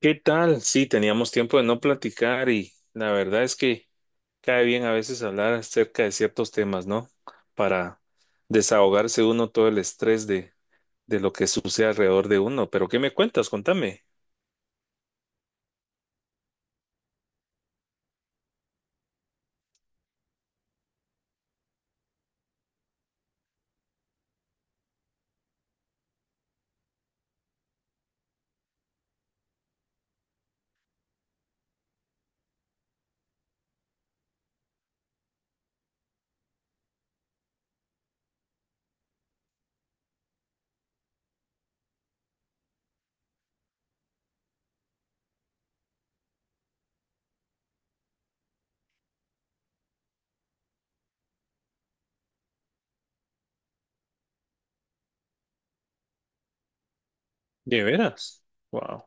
¿Qué tal? Sí, teníamos tiempo de no platicar y la verdad es que cae bien a veces hablar acerca de ciertos temas, ¿no? Para desahogarse uno todo el estrés de lo que sucede alrededor de uno. Pero ¿qué me cuentas? Contame. ¿De veras? Wow.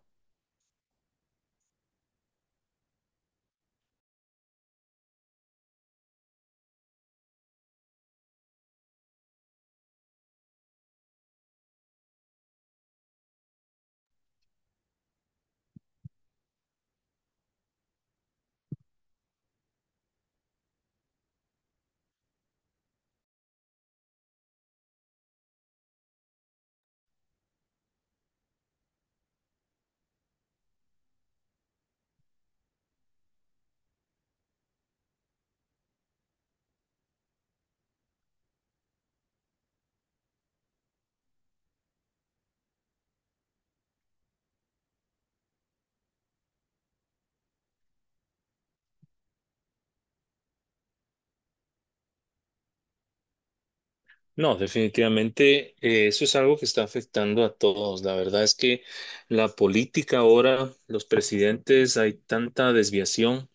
No, definitivamente eso es algo que está afectando a todos. La verdad es que la política ahora, los presidentes, hay tanta desviación.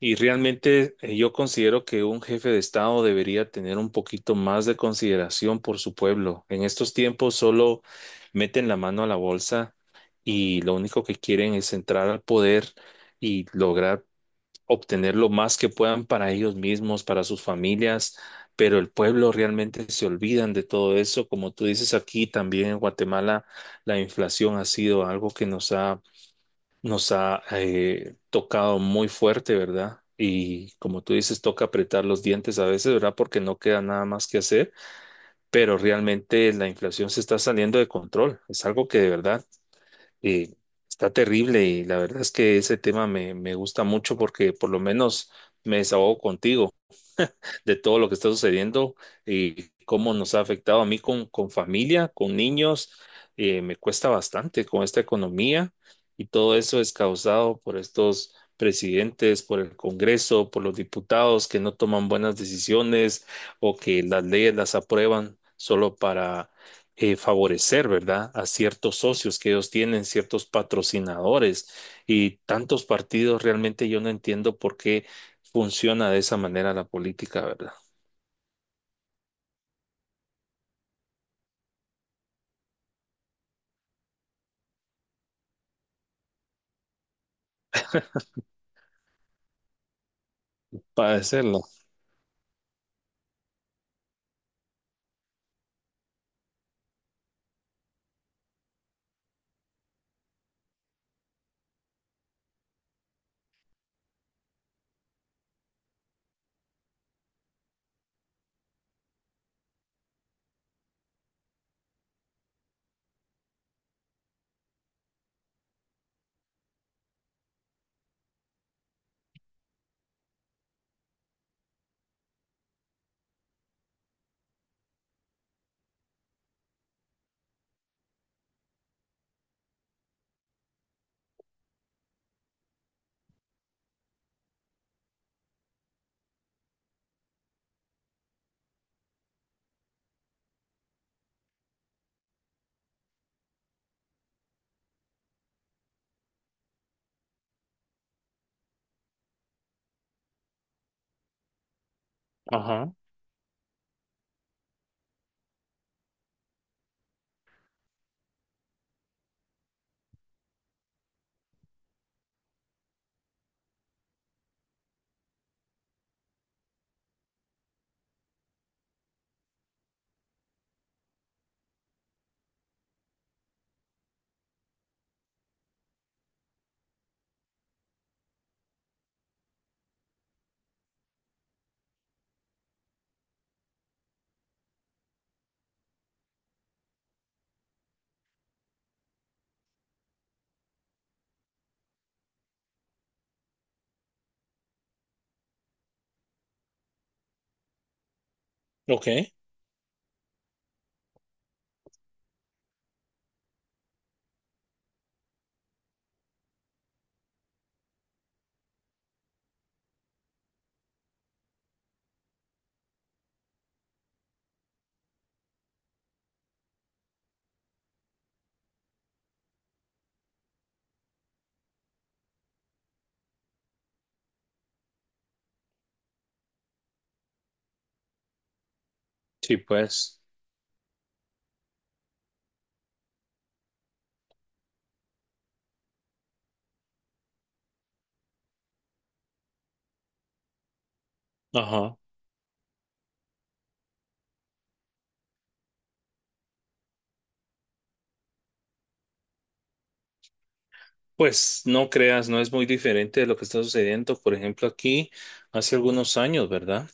Y realmente yo considero que un jefe de Estado debería tener un poquito más de consideración por su pueblo. En estos tiempos solo meten la mano a la bolsa y lo único que quieren es entrar al poder y lograr obtener lo más que puedan para ellos mismos, para sus familias, pero el pueblo realmente se olvidan de todo eso. Como tú dices, aquí también en Guatemala la inflación ha sido algo que nos ha tocado muy fuerte, ¿verdad? Y como tú dices, toca apretar los dientes a veces, ¿verdad? Porque no queda nada más que hacer, pero realmente la inflación se está saliendo de control. Es algo que de verdad eh, está terrible, y la verdad es que ese tema me gusta mucho porque por lo menos me desahogo contigo de todo lo que está sucediendo y cómo nos ha afectado a mí con familia, con niños. Me cuesta bastante con esta economía, y todo eso es causado por estos presidentes, por el Congreso, por los diputados que no toman buenas decisiones, o que las leyes las aprueban solo para favorecer, ¿verdad?, a ciertos socios que ellos tienen, ciertos patrocinadores y tantos partidos. Realmente yo no entiendo por qué funciona de esa manera la política, ¿verdad? Para decirlo. Ajá. Ok. Sí, pues. Ajá. Pues no creas, no es muy diferente de lo que está sucediendo. Por ejemplo, aquí hace algunos años, ¿verdad?,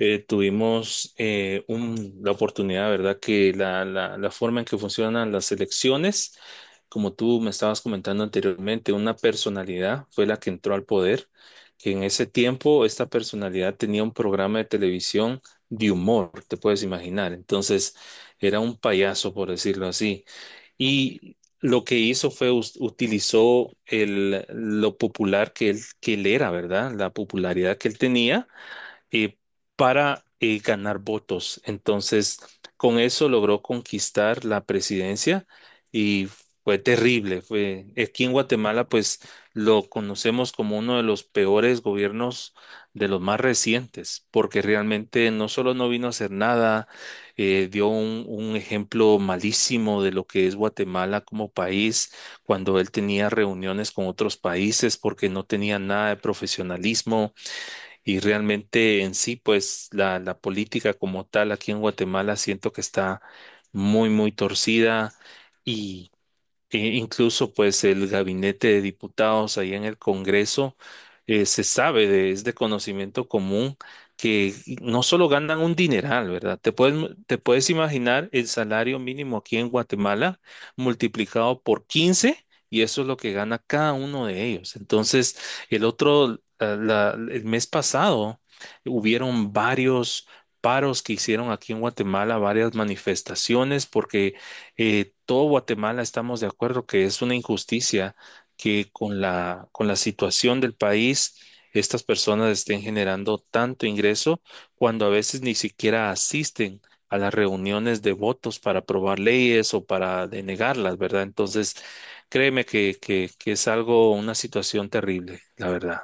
tuvimos la oportunidad, ¿verdad?, que la forma en que funcionan las elecciones, como tú me estabas comentando anteriormente, una personalidad fue la que entró al poder, que en ese tiempo esta personalidad tenía un programa de televisión de humor, te puedes imaginar. Entonces, era un payaso, por decirlo así. Y lo que hizo fue utilizó el, lo popular que él era, ¿verdad? La popularidad que él tenía, eh, para ganar votos. Entonces, con eso logró conquistar la presidencia, y fue terrible. Fue, aquí en Guatemala, pues lo conocemos como uno de los peores gobiernos de los más recientes, porque realmente no solo no vino a hacer nada, dio un ejemplo malísimo de lo que es Guatemala como país, cuando él tenía reuniones con otros países, porque no tenía nada de profesionalismo. Y realmente en sí, pues la política como tal aquí en Guatemala siento que está muy, muy torcida, e incluso pues el gabinete de diputados ahí en el Congreso, se sabe es de conocimiento común que no solo ganan un dineral, ¿verdad? Te puedes imaginar el salario mínimo aquí en Guatemala multiplicado por 15, y eso es lo que gana cada uno de ellos. Entonces, el otro, la- la- el mes pasado hubieron varios paros que hicieron aquí en Guatemala, varias manifestaciones, porque todo Guatemala estamos de acuerdo que es una injusticia que con la situación del país estas personas estén generando tanto ingreso cuando a veces ni siquiera asisten a las reuniones de votos para aprobar leyes o para denegarlas, ¿verdad? Entonces, créeme que, es algo, una situación terrible, la verdad.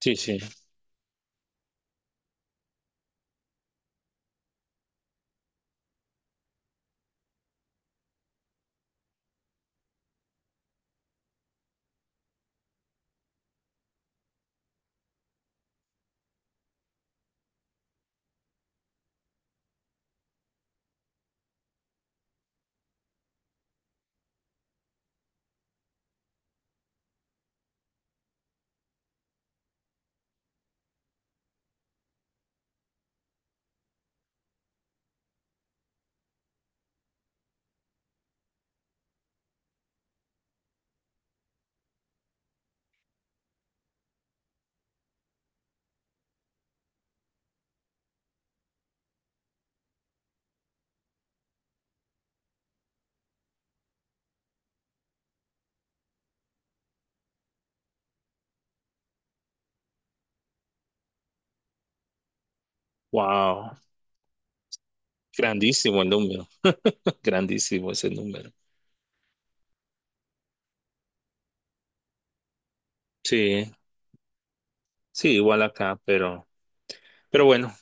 Sí, sí. Wow. Grandísimo el número. Grandísimo ese número. Sí, sí, igual acá, pero bueno.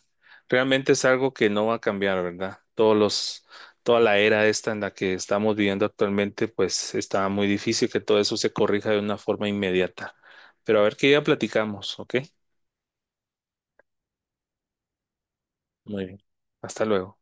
Realmente es algo que no va a cambiar, ¿verdad? Todos los, toda la era esta en la que estamos viviendo actualmente, pues está muy difícil que todo eso se corrija de una forma inmediata. Pero a ver qué día platicamos, ¿ok? Muy bien. Hasta luego.